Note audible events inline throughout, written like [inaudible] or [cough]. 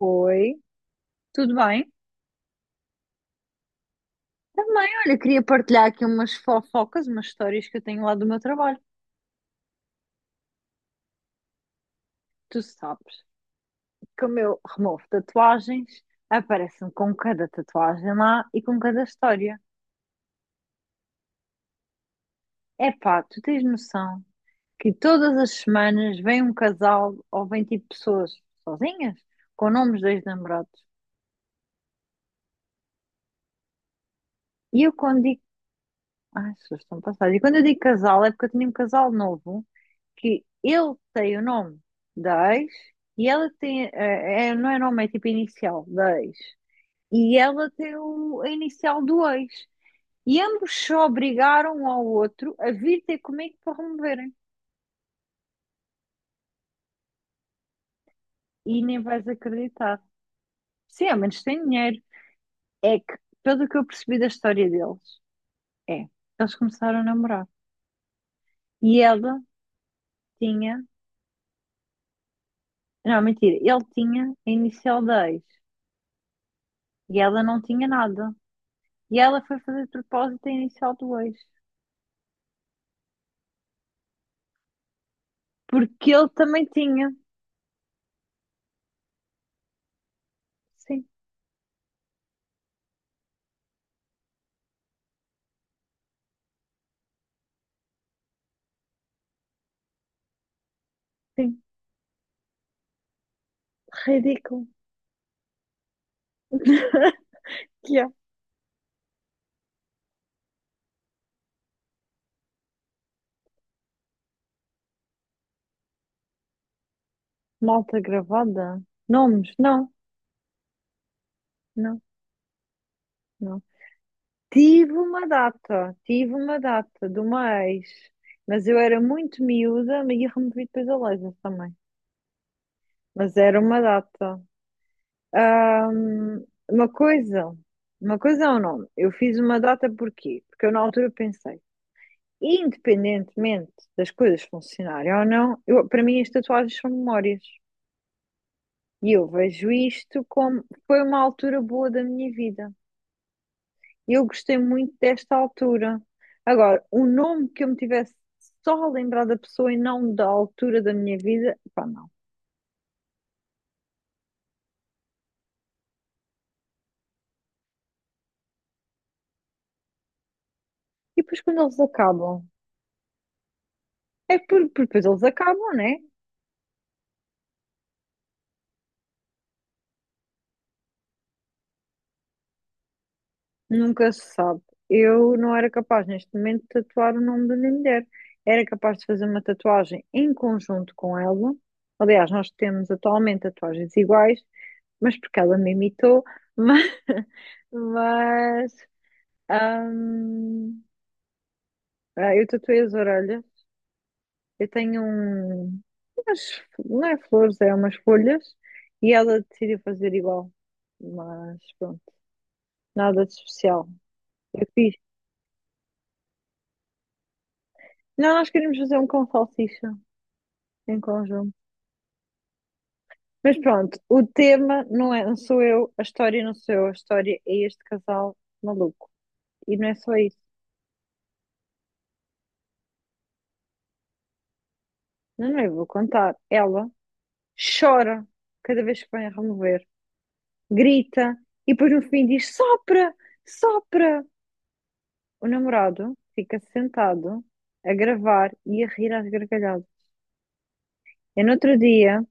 Oi, tudo bem? Também, olha, queria partilhar aqui umas fofocas, umas histórias que eu tenho lá do meu trabalho. Tu sabes que o meu removo tatuagens aparece-me com cada tatuagem lá e com cada história. Epá, tu tens noção que todas as semanas vem um casal ou vem tipo pessoas sozinhas com nomes de ex-namorados. E eu quando digo... Ai, as pessoas estão passadas. E quando eu digo casal é porque eu tinha um casal novo que ele tem o nome da ex e ela tem, não é nome, é tipo inicial da ex. E ela tem o, a inicial do ex. E ambos se obrigaram um ao outro a vir ter comigo para removerem. E nem vais acreditar. Sim, ao menos tem dinheiro. É que, pelo que eu percebi da história deles, é, eles começaram a namorar. E ela tinha, não, mentira, ele tinha a inicial da ex. E ela não tinha nada. E ela foi fazer de propósito a inicial do ex. Porque ele também tinha. Sim, sim. Ridículo. Que é? Malta gravada. Nomes? Não, não, não. Tive uma data de uma ex, mas eu era muito miúda e removi depois a laser também. Mas era uma data. Ahm, uma coisa, uma coisa é um nome. Eu fiz uma data porquê? Porque eu na altura pensei, independentemente das coisas funcionarem ou não, para mim as tatuagens são memórias. E eu vejo isto como foi uma altura boa da minha vida. Eu gostei muito desta altura. Agora, o nome que eu me tivesse só a lembrar da pessoa e não da altura da minha vida, pá, não. E depois quando eles acabam, depois eles acabam, né? Nunca se sabe. Eu não era capaz neste momento de tatuar o nome da minha mulher. Era capaz de fazer uma tatuagem em conjunto com ela. Aliás, nós temos atualmente tatuagens iguais mas porque ela me imitou, mas, [laughs] mas hum, eu tatuei as orelhas. Eu tenho um, umas, não é flores, é umas folhas, e ela decidiu fazer igual, mas pronto, nada de especial. Eu fiz. Não, nós queríamos fazer um com salsicha em conjunto. Mas pronto, o tema não é, não sou eu, a história não sou eu, a história é este casal maluco. E não é só isso. Não, não, eu vou contar. Ela chora cada vez que vai a remover, grita e depois no fim diz: sopra, sopra. O namorado fica sentado a gravar e a rir às gargalhadas. Eu, no outro dia,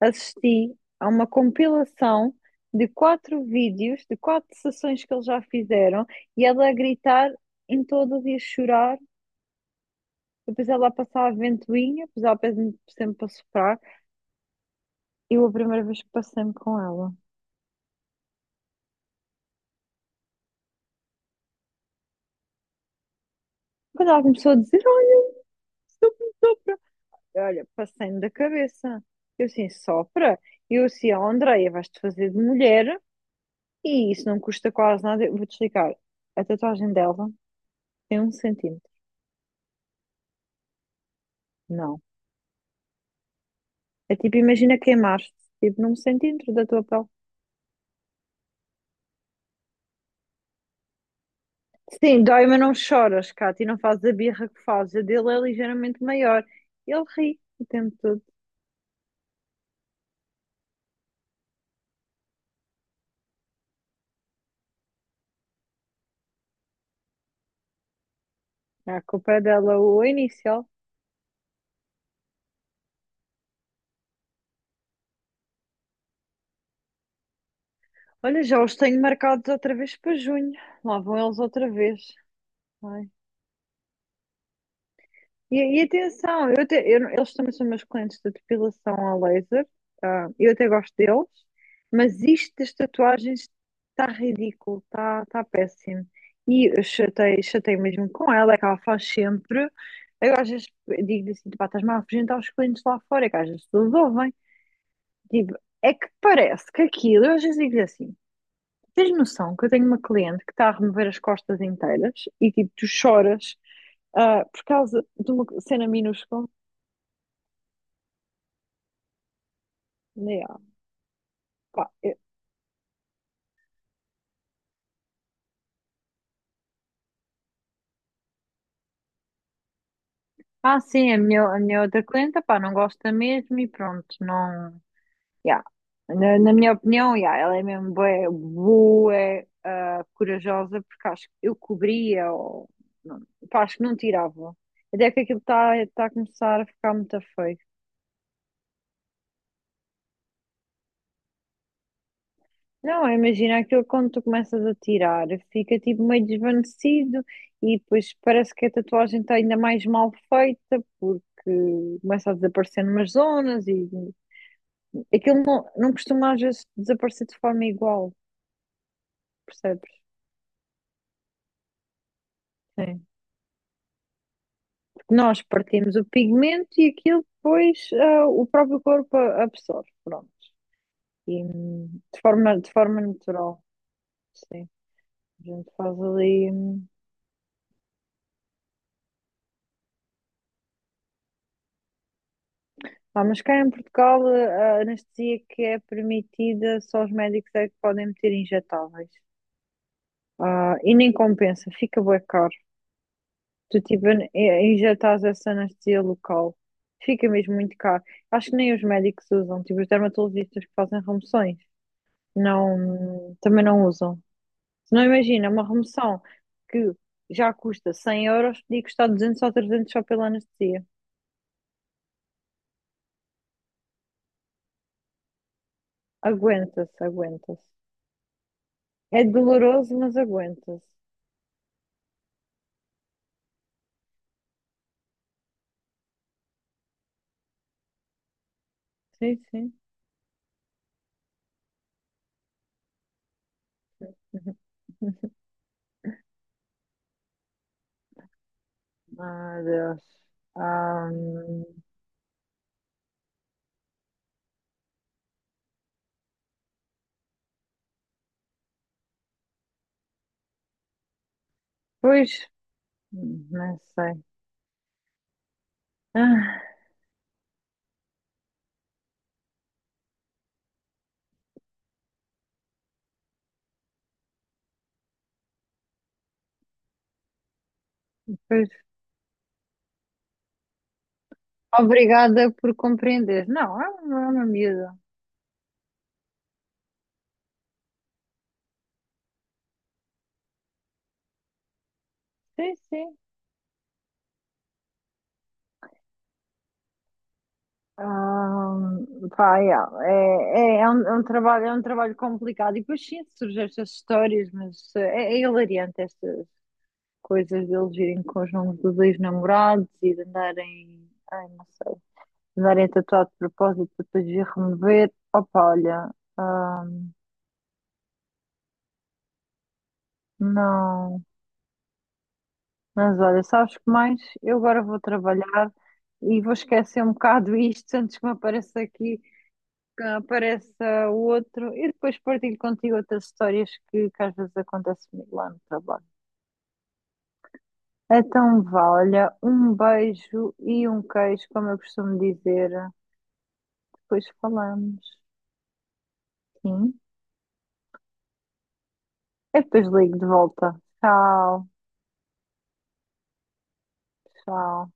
assisti a uma compilação de quatro vídeos, de quatro sessões que eles já fizeram e ela a gritar em todas e a chorar. Depois ela a passar a ventoinha, depois ela pede-me sempre para soprar. Eu, a primeira vez que passei-me com ela, quando ela começou a dizer: Olha, passei-me da cabeça. Eu assim, sopra. Eu assim, ó, Andreia, vais-te fazer de mulher e isso não custa quase nada. Eu vou-te explicar. A tatuagem dela tem 1 cm. Não. É tipo, imagina queimar-te, tipo, num centímetro da tua pele. Sim, dói, mas não choras, Cátia, e não fazes a birra que fazes. A dele é ligeiramente maior. Ele ri o tempo todo. Ah, a culpa é dela, o inicial. Olha, já os tenho marcados outra vez para junho. Lá vão eles outra vez. E atenção, eles também são meus clientes de depilação a laser. Eu até gosto deles, mas isto das tatuagens está ridículo, está péssimo. E eu chatei, chatei mesmo com ela, é que ela faz sempre. Eu às vezes digo-lhe assim, pá, estás-me a apresentar os clientes lá fora, é que às vezes eles ouvem. Tipo, é que parece que aquilo, eu às vezes digo-lhe assim, tens noção que eu tenho uma cliente que está a remover as costas inteiras e tipo, tu choras por causa de uma cena minúscula. Yeah, pá. Ah, sim, a minha outra cliente, pá, não gosta mesmo e pronto, não. Yeah. Na minha opinião, yeah, ela é mesmo bué, bué, corajosa, porque acho que eu cobria, ou, não, pá, acho que não tirava. Até que aquilo está a começar a ficar muito feio. Não, imagina aquilo quando tu começas a tirar, fica tipo meio desvanecido e depois parece que a tatuagem está ainda mais mal feita porque começa a desaparecer numas zonas e aquilo não, não costuma às vezes desaparecer de forma igual, percebes? Sim. Porque nós partimos o pigmento e aquilo depois o próprio corpo absorve, pronto. E, de forma natural, sim. A gente faz ali. Hum. Ah, mas cá em Portugal a anestesia que é permitida, só os médicos é que podem meter injetáveis. Ah, e nem compensa, fica bué caro. Tu tipo injetas essa anestesia local. Fica mesmo muito caro. Acho que nem os médicos usam, tipo os dermatologistas que fazem remoções, não, também não usam. Se não imagina, uma remoção que já custa 100 euros, podia custar 200 ou 300 só pela anestesia. Aguenta-se, aguenta-se. É doloroso, mas aguenta-se. Sim, sim. [laughs] Ah, Deus. Ah, pois, não sei. Ah, pois. Obrigada por compreender. Não, é uma miúda. Sim, sim. Ahm, yeah, é um trabalho complicado. E depois sim, surgem estas histórias, mas é hilariante estas coisas deles irem com os nomes dos ex-namorados e de andarem, ai, não sei, de andarem tatuado de propósito para depois vir remover. Opa, olha, ahm, não. Mas olha, sabes que mais? Eu agora vou trabalhar e vou esquecer um bocado isto antes que me apareça aqui que apareça o outro e depois partilho contigo outras histórias que às vezes acontece comigo lá no trabalho. Então, vá, olha, um beijo e um queijo, como eu costumo dizer. Depois falamos. Sim. Eu depois ligo de volta. Tchau, tchau.